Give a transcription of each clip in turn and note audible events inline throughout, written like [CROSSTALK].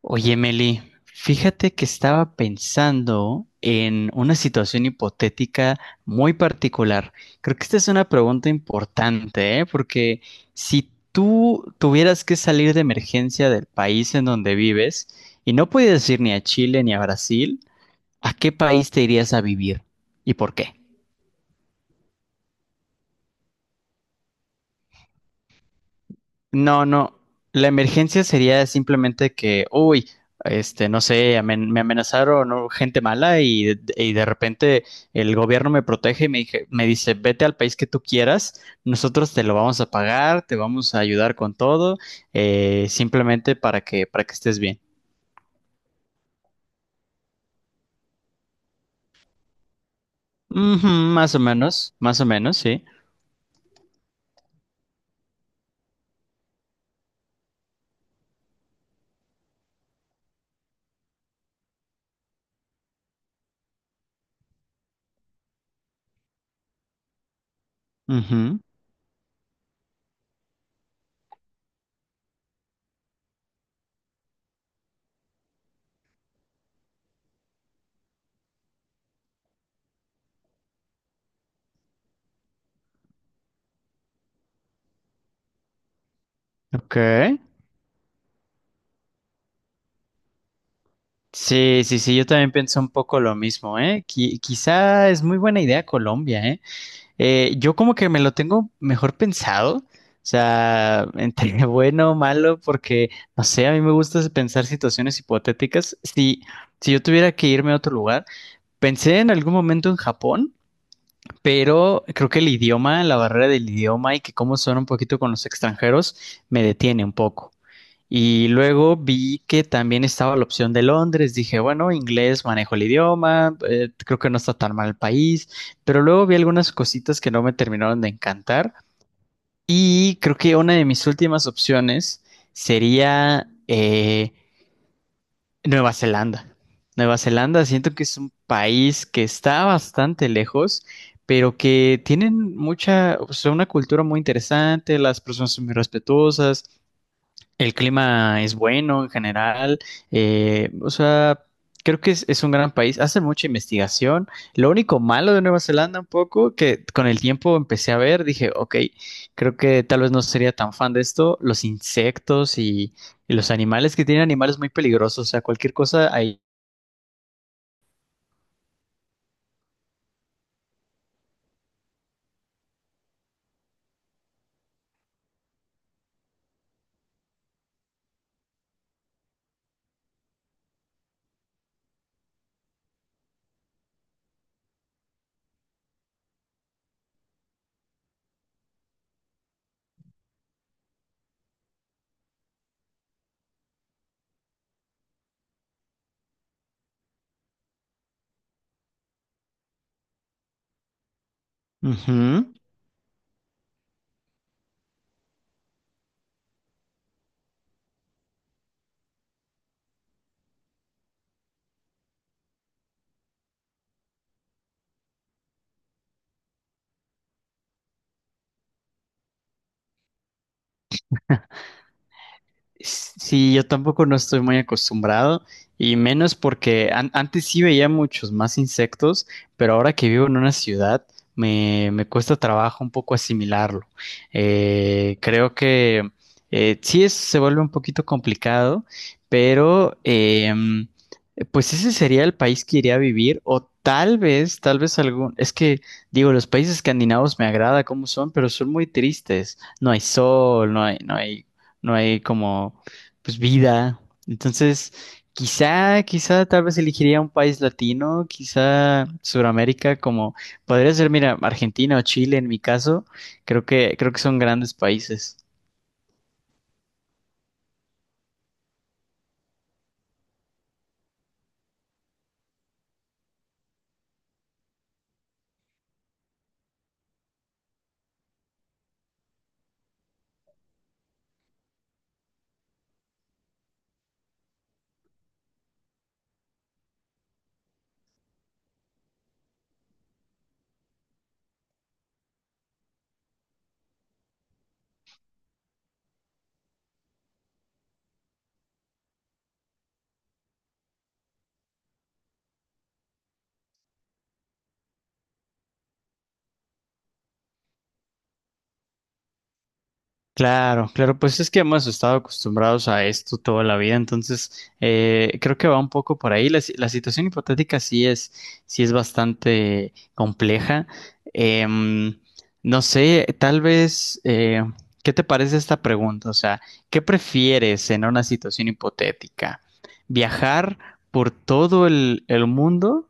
Oye, Meli, fíjate que estaba pensando en una situación hipotética muy particular. Creo que esta es una pregunta importante, ¿eh? Porque si tú tuvieras que salir de emergencia del país en donde vives y no pudieras ir ni a Chile ni a Brasil, ¿a qué país te irías a vivir y por qué? No, no. La emergencia sería simplemente que, uy, no sé, me amenazaron, ¿no? Gente mala y, de repente el gobierno me protege y me dice, vete al país que tú quieras, nosotros te lo vamos a pagar, te vamos a ayudar con todo, simplemente para que estés bien. Ujú, más o menos, sí. Ujú. Ok. Sí, sí, sí, yo también pienso un poco lo mismo, ¿eh? Quizá es muy buena idea Colombia, ¿eh? Yo como que me lo tengo mejor pensado, o sea, entre [LAUGHS] bueno o malo, porque, no sé, a mí me gusta pensar situaciones hipotéticas. Si, si yo tuviera que irme a otro lugar, pensé en algún momento en Japón, pero creo que la barrera del idioma y que cómo son un poquito con los extranjeros, me detiene un poco. Y luego vi que también estaba la opción de Londres. Dije, bueno, inglés, manejo el idioma, creo que no está tan mal el país. Pero luego vi algunas cositas que no me terminaron de encantar. Y creo que una de mis últimas opciones sería Nueva Zelanda. Nueva Zelanda siento que es un país que está bastante lejos, pero que tienen mucha, o sea, una cultura muy interesante, las personas son muy respetuosas. El clima es bueno en general, o sea, creo que es un gran país, hacen mucha investigación. Lo único malo de Nueva Zelanda un poco, que con el tiempo empecé a ver, dije, ok, creo que tal vez no sería tan fan de esto, los insectos y los animales, que tienen animales muy peligrosos, o sea, cualquier cosa ahí. Ujú. Sí, yo tampoco no estoy muy acostumbrado y menos porque antes sí veía muchos más insectos, pero ahora que vivo en una ciudad me cuesta trabajo un poco asimilarlo. Creo que sí se vuelve un poquito complicado, pero pues ese sería el país que iría a vivir o tal vez es que digo, los países escandinavos me agrada cómo son, pero son muy tristes. No hay sol, no hay como pues vida. Entonces, quizá, quizá tal vez elegiría un país latino, quizá Sudamérica, como podría ser, mira, Argentina o Chile en mi caso, creo que son grandes países. Claro, claro, pues es que hemos estado acostumbrados a esto toda la vida, entonces creo que va un poco por ahí. La, si- La situación hipotética sí es bastante compleja. Em, no sé, tal vez, ¿qué te parece esta pregunta? O sea, ¿qué prefieres en una situación hipotética? ¿Viajar por todo el mundo,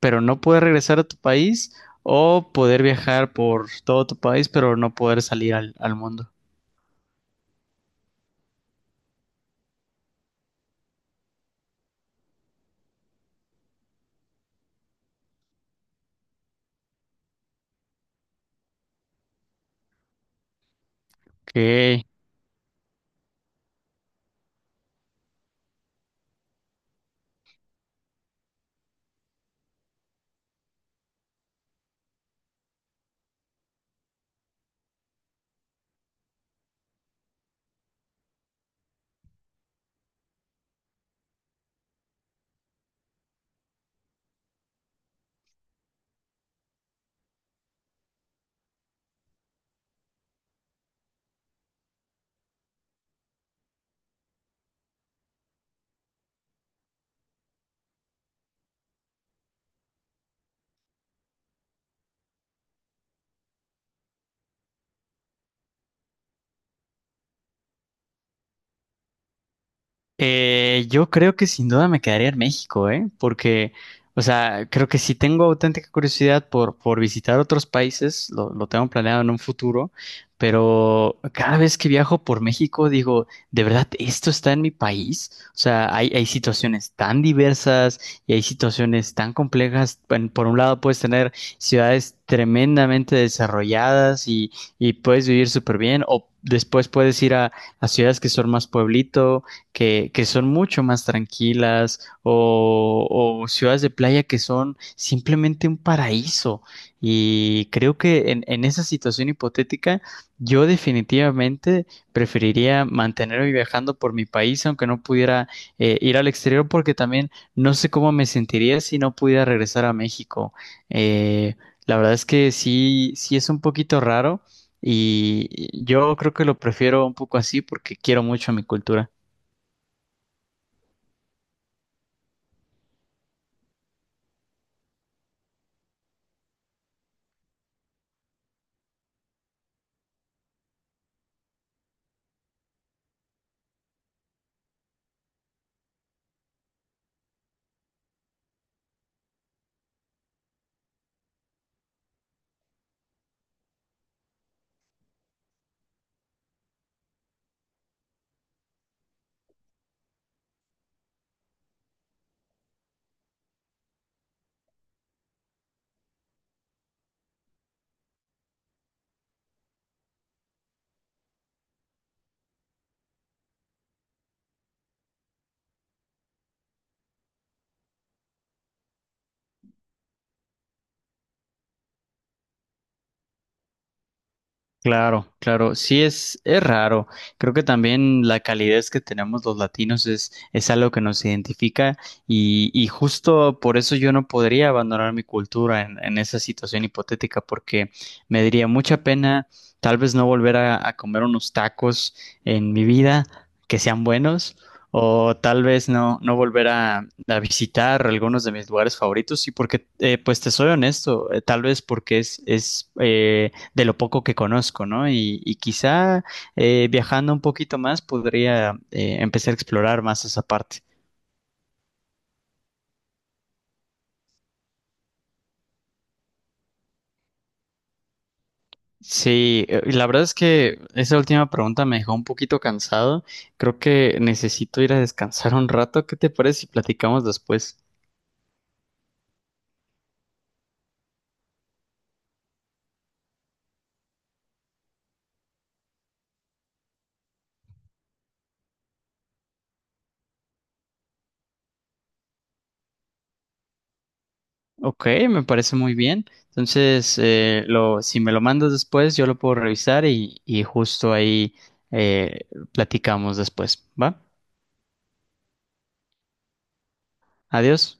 pero no poder regresar a tu país? ¿O poder viajar por todo tu país, pero no poder salir al mundo? Ok. Yo creo que sin duda me quedaría en México, ¿eh? Porque, o sea, creo que si tengo auténtica curiosidad por visitar otros países, lo tengo planeado en un futuro, pero cada vez que viajo por México digo, ¿de verdad esto está en mi país? O sea, hay situaciones tan diversas y hay situaciones tan complejas. Bueno, por un lado puedes tener ciudades tremendamente desarrolladas y puedes vivir súper bien, o después puedes ir a ciudades que son más pueblito que son mucho más tranquilas o ciudades de playa que son simplemente un paraíso. Y creo que en esa situación hipotética, yo definitivamente preferiría mantenerme viajando por mi país, aunque no pudiera ir al exterior, porque también no sé cómo me sentiría si no pudiera regresar a México. Eh, la verdad es que sí, sí es un poquito raro. Y yo creo que lo prefiero un poco así porque quiero mucho a mi cultura. Claro, claro, es raro. Creo que también la calidez que tenemos los latinos es algo que nos identifica y justo por eso yo no podría abandonar mi cultura en esa situación hipotética porque me daría mucha pena tal vez no volver a comer unos tacos en mi vida que sean buenos o tal vez no volver a visitar algunos de mis lugares favoritos y porque, pues te soy honesto, tal vez porque es de lo poco que conozco, ¿no? Y quizá viajando un poquito más podría empezar a explorar más esa parte. Sí, la verdad es que esa última pregunta me dejó un poquito cansado. Creo que necesito ir a descansar un rato. ¿Qué te parece si platicamos después? Ok, me parece muy bien. Entonces, si me lo mandas después, yo lo puedo revisar y justo ahí eh, platicamos después, ¿va? Adiós.